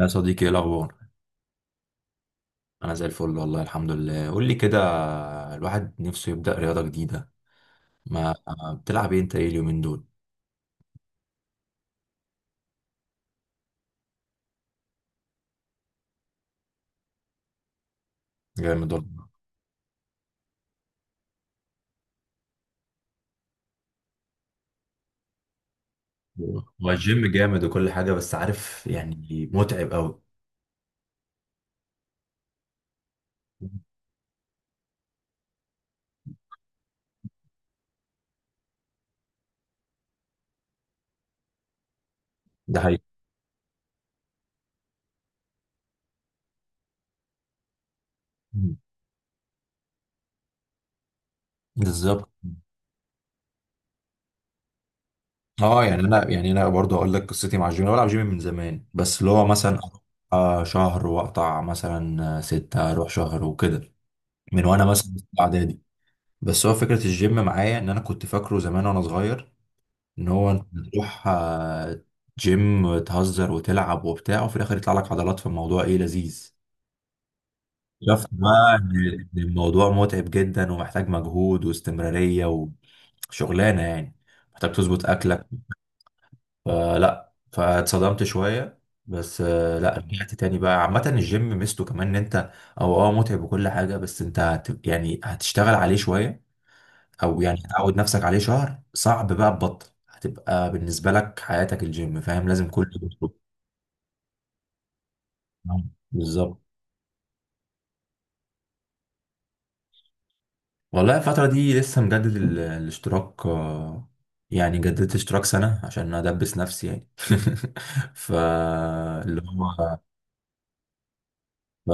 يا صديقي، ايه الاخبار؟ انا زي الفل والله الحمد لله. قول لي كده، الواحد نفسه يبدا رياضه جديده. ما بتلعب ايه انت ايه اليومين دول؟ جامد والله. هو الجيم جامد وكل حاجه، بس عارف يعني متعب قوي. ده حقيقي. مم. بالظبط. اه، يعني انا برضه هقول لك قصتي مع الجيم. انا بلعب جيم من زمان، بس اللي هو مثلا شهر واقطع مثلا ستة، اروح شهر وكده، من وانا مثلا في اعدادي. بس هو فكره الجيم معايا ان انا كنت فاكره زمان وانا صغير، ان هو انت تروح جيم تهزر وتلعب وبتاع، وفي الاخر يطلع لك عضلات في الموضوع، ايه لذيذ. شفت بقى ان الموضوع متعب جدا ومحتاج مجهود واستمرارية وشغلانة يعني. محتاج تظبط اكلك. فلا، فاتصدمت شوية. بس لا، رجعت تاني بقى. عامة الجيم ميزته كمان ان انت او اه متعب وكل حاجة، بس انت هت يعني هتشتغل عليه شوية، او يعني تعود نفسك عليه شهر، صعب بقى تبطل، هتبقى بالنسبه لك حياتك الجيم، فاهم؟ لازم كل يوم تروح. نعم، بالظبط. والله الفتره دي لسه مجدد الاشتراك، يعني جددت اشتراك سنه عشان ادبس نفسي يعني. ف اللي هو ف...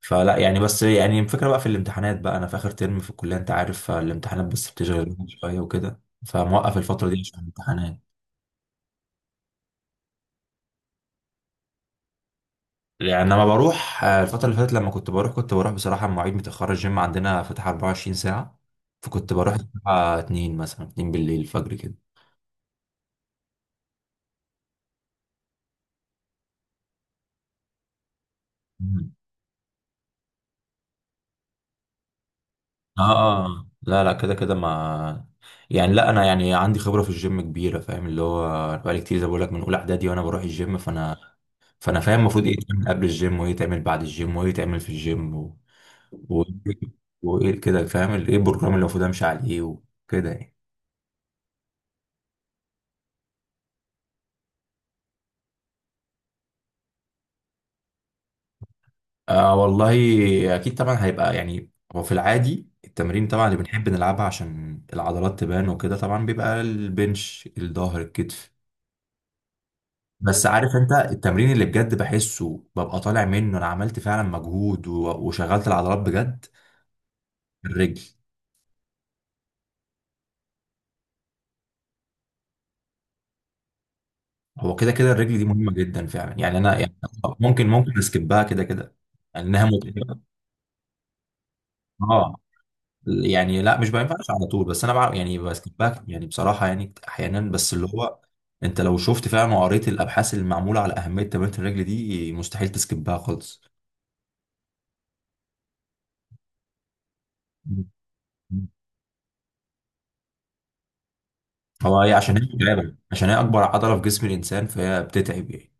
فلا يعني، بس يعني الفكره بقى في الامتحانات بقى، انا في اخر ترم في الكليه انت عارف، فالامتحانات بس بتشغل الواحد شويه وكده، فموقف الفتره دي عشان الامتحانات. يعني لما بروح، الفترة اللي فاتت لما كنت بروح، كنت بروح بصراحة مواعيد متأخرة، الجيم عندنا فاتح 24 ساعة. فكنت بروح الساعة 2 مثلا، 2 بالليل الفجر كده. مم. اه. آه، لا لا، كده كده ما، يعني لا، انا يعني عندي خبرة في الجيم كبيرة، فاهم اللي هو؟ بقالي كتير زي ما بقول لك، من اولى اعدادي وانا بروح الجيم. فانا فاهم المفروض ايه يتعمل قبل الجيم، وايه يتعمل بعد الجيم، وايه يتعمل في الجيم، و... وايه كده، فاهم ايه البروجرام اللي المفروض امشي عليه وكده يعني. آه والله، اكيد طبعا هيبقى يعني. هو في العادي التمرين طبعا اللي بنحب نلعبها عشان العضلات تبان وكده، طبعا بيبقى البنش، الظهر، الكتف. بس عارف انت التمرين اللي بجد بحسه ببقى طالع منه انا عملت فعلا مجهود وشغلت العضلات بجد؟ الرجل. هو كده كده الرجل دي مهمة جدا فعلا، يعني انا يعني ممكن اسكبها كده كده، لانها متعبة. اه، يعني لا، مش ما ينفعش على طول، بس انا بعرف يعني بسكبها يعني، بصراحه يعني احيانا بس اللي هو، انت لو شفت فعلا وقريت الابحاث اللي معموله على اهميه تمرين الرجل دي، مستحيل تسكبها خالص. مم. هو هي عشان هي متعبه، عشان هي اكبر عضله في جسم الانسان فهي بتتعب يعني.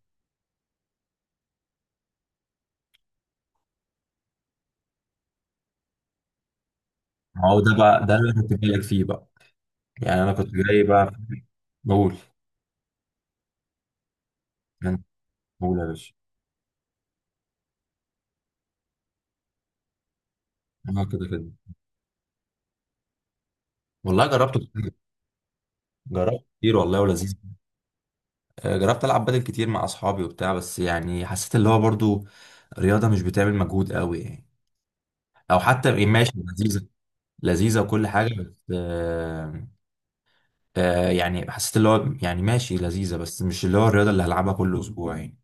ما هو ده بقى ده اللي انا كنت جايلك فيه بقى، يعني انا كنت جاي بقى. بقول، بقول يا باشا. انا كده كده والله جربت كتير، جربت كتير والله ولذيذ. جربت العب بدل كتير مع اصحابي وبتاع، بس يعني حسيت اللي هو برضو رياضه مش بتعمل مجهود قوي يعني، او حتى ماشي لذيذه. لذيذه وكل حاجه بس يعني حسيت اللي هو، يعني ماشي لذيذه، بس مش اللي هو الرياضه اللي هلعبها كل اسبوع يعني.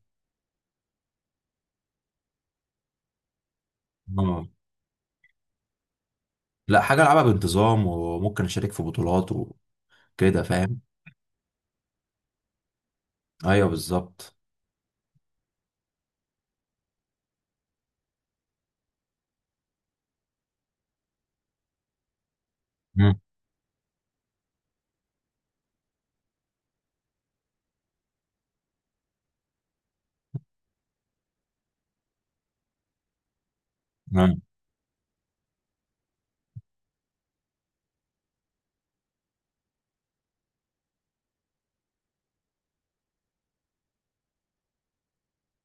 آه، لا، حاجه العبها بانتظام وممكن اشارك في بطولات وكده، فاهم؟ ايوه بالظبط. مم. مم.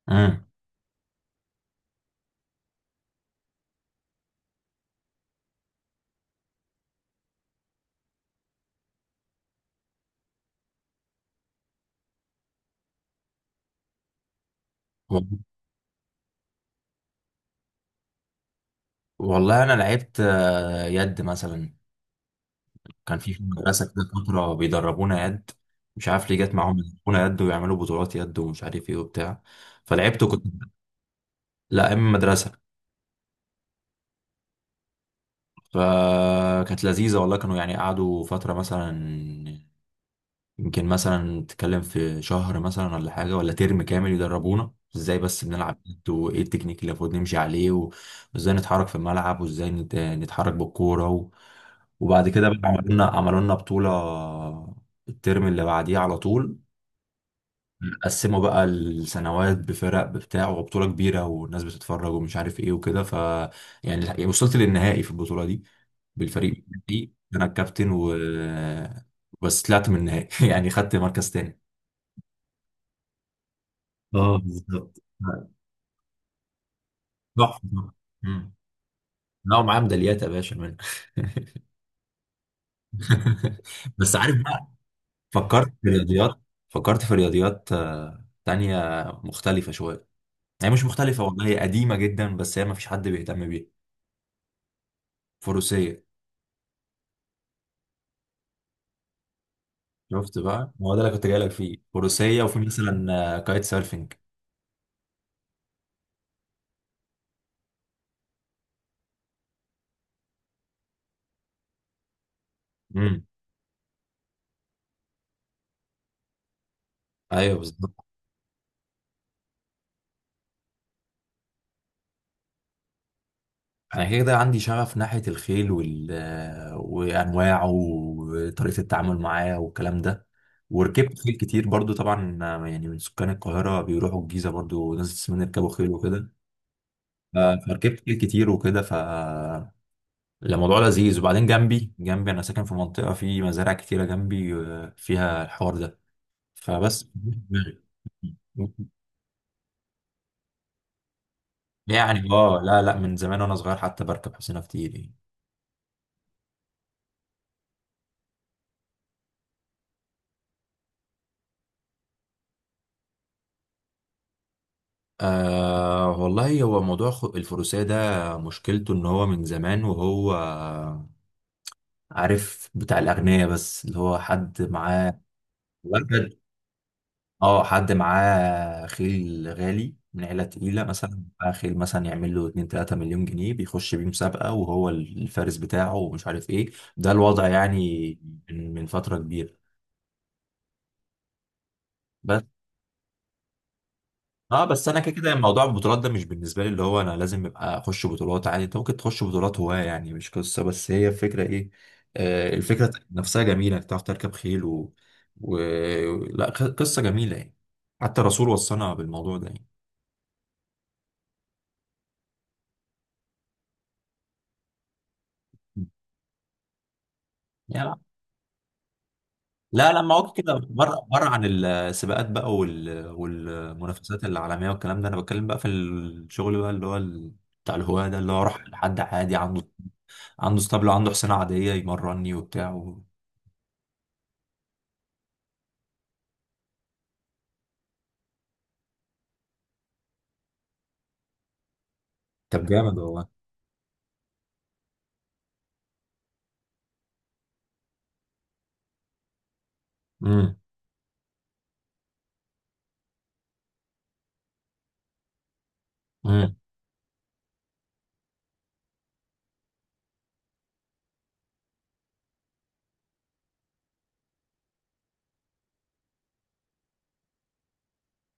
مم. والله انا لعبت يد مثلا، كان في في المدرسة كده فترة بيدربونا يد. مش عارف ليه جت معاهم يدربونا يد، ويعملوا بطولات يد، ومش عارف ايه وبتاع، فلعبت، كنت، لا اما مدرسة. فكانت لذيذة والله. كانوا يعني قعدوا فترة مثلا، يمكن مثلا تتكلم في شهر مثلا ولا حاجة ولا ترم كامل، يدربونا ازاي بس بنلعب يد، وايه التكنيك اللي المفروض نمشي عليه، وازاي نتحرك في الملعب، وازاي نتحرك بالكورة وبعد كده بقى عملوا لنا بطولة الترم اللي بعديه على طول. قسموا بقى السنوات بفرق بتاع وبطولة كبيرة، والناس بتتفرج ومش عارف ايه وكده. ف يعني وصلت للنهائي في البطولة دي بالفريق دي انا الكابتن، و بس طلعت من النهائي يعني خدت مركز تاني. اه بالظبط، تحفة طبعاً. مم. لا ومعاه ميداليات يا باشا منها. بس عارف بقى، فكرت في رياضيات، فكرت في رياضيات تانية مختلفة شوية. هي مش مختلفة والله، هي قديمة جدا، بس هي ما فيش حد بيهتم بيها. فروسية. شفت بقى؟ ما هو ده اللي كنت جاي لك فيه، فروسيه، وفي مثلا كايت سيرفنج. امم، ايوه بالظبط. انا كده كده عندي شغف ناحيه الخيل وال آه، وانواعه وطريقه التعامل معاه والكلام ده. وركبت خيل كتير برضو طبعا، يعني من سكان القاهره بيروحوا الجيزه برضو، ناس من يركبوا خيل وكده. فركبت خيل كتير وكده، ف الموضوع لذيذ. وبعدين جنبي انا ساكن في منطقه في مزارع كتيره جنبي فيها الحوار ده، فبس. يعني اه، لا من زمان وانا صغير حتى بركب حسينة كتير يعني. آه والله، هو موضوع الفروسية ده مشكلته ان هو من زمان وهو عارف بتاع الاغنياء، بس اللي هو حد معاه وركد، اه حد معاه خيل غالي من عيلة تقيلة، مثلا معاه خيل مثلا يعمل له 2 3 مليون جنيه، بيخش بيه مسابقة وهو الفارس بتاعه ومش عارف ايه. ده الوضع يعني، من فترة كبيرة. بس اه، بس انا كده كده موضوع البطولات ده مش بالنسبه لي، اللي هو انا لازم ابقى اخش بطولات، عادي انت ممكن تخش بطولات هواه يعني، مش قصه. بس هي الفكره ايه، آه الفكره نفسها جميله انك تعرف تركب خيل و... لا قصه جميله يعني. حتى الرسول وصانا بالموضوع ده يعني. يعني لا، لما اقعد كده بره بره عن السباقات بقى والمنافسات العالميه والكلام ده. انا بتكلم بقى في الشغل بقى اللي هو بتاع الهواه ده، اللي هو اروح لحد عادي، عنده اسطبل، عنده حصانه عاديه، يمرني وبتاع. طب جامد والله. امم، امم.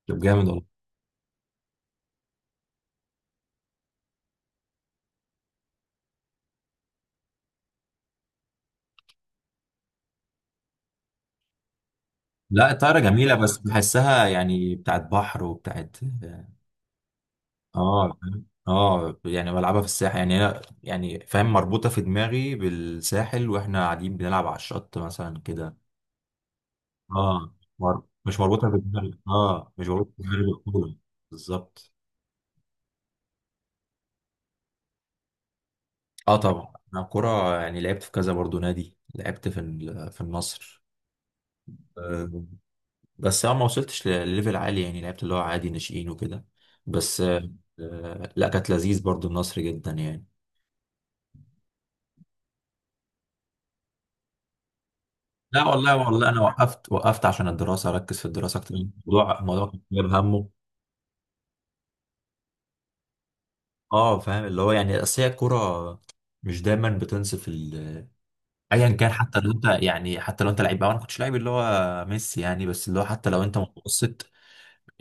طب جامد والله. لا الطايره جميله، بس بحسها يعني بتاعت بحر وبتاعت، اه، فاهم؟ اه يعني بلعبها في الساحل، يعني انا يعني فاهم مربوطه في دماغي بالساحل، واحنا قاعدين بنلعب على الشط مثلا كده. اه مش مربوطه في دماغي، اه مش مربوطه في دماغي بالكوره. بالظبط. اه طبعا انا كوره يعني لعبت في كذا برضو نادي، لعبت في في النصر. بس انا ما وصلتش لليفل عالي يعني، لعبت اللي هو عادي ناشئين وكده. بس لا كانت لذيذ برضو النصر جدا يعني. لا والله والله انا وقفت، وقفت عشان الدراسه اركز في الدراسه اكتر، الموضوع كان جايب همه. اه فاهم اللي هو يعني، اصل هي الكوره مش دايما بتنصف ال، ايا كان حتى لو انت يعني، حتى لو انت لعيب بقى، انا ما كنتش لعيب اللي هو ميسي يعني، بس اللي هو حتى لو انت متوسط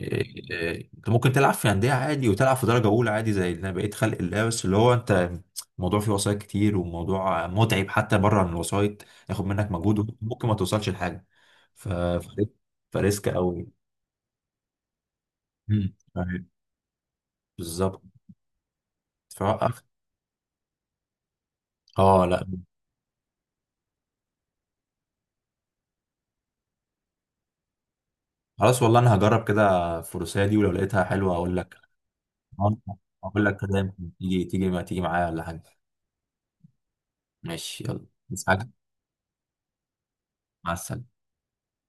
انت ممكن تلعب في انديه عادي، وتلعب في درجه اولى عادي زي اللي انا بقيت خلق الله، بس اللي هو انت الموضوع فيه وسايط كتير، وموضوع متعب حتى بره من الوسايط، ياخد منك مجهود وممكن ما توصلش لحاجه. ف فريسك، فريسك قوي. مم. فاهم. بالظبط. فوقف. اه لا، خلاص والله انا هجرب كده الفروسيه دي، ولو لقيتها حلوه اقول لك. اقول لك كده، يمكن تيجي، تيجي ما تيجي معايا ولا حاجه. ماشي يلا، بس حاجه. مع السلامه.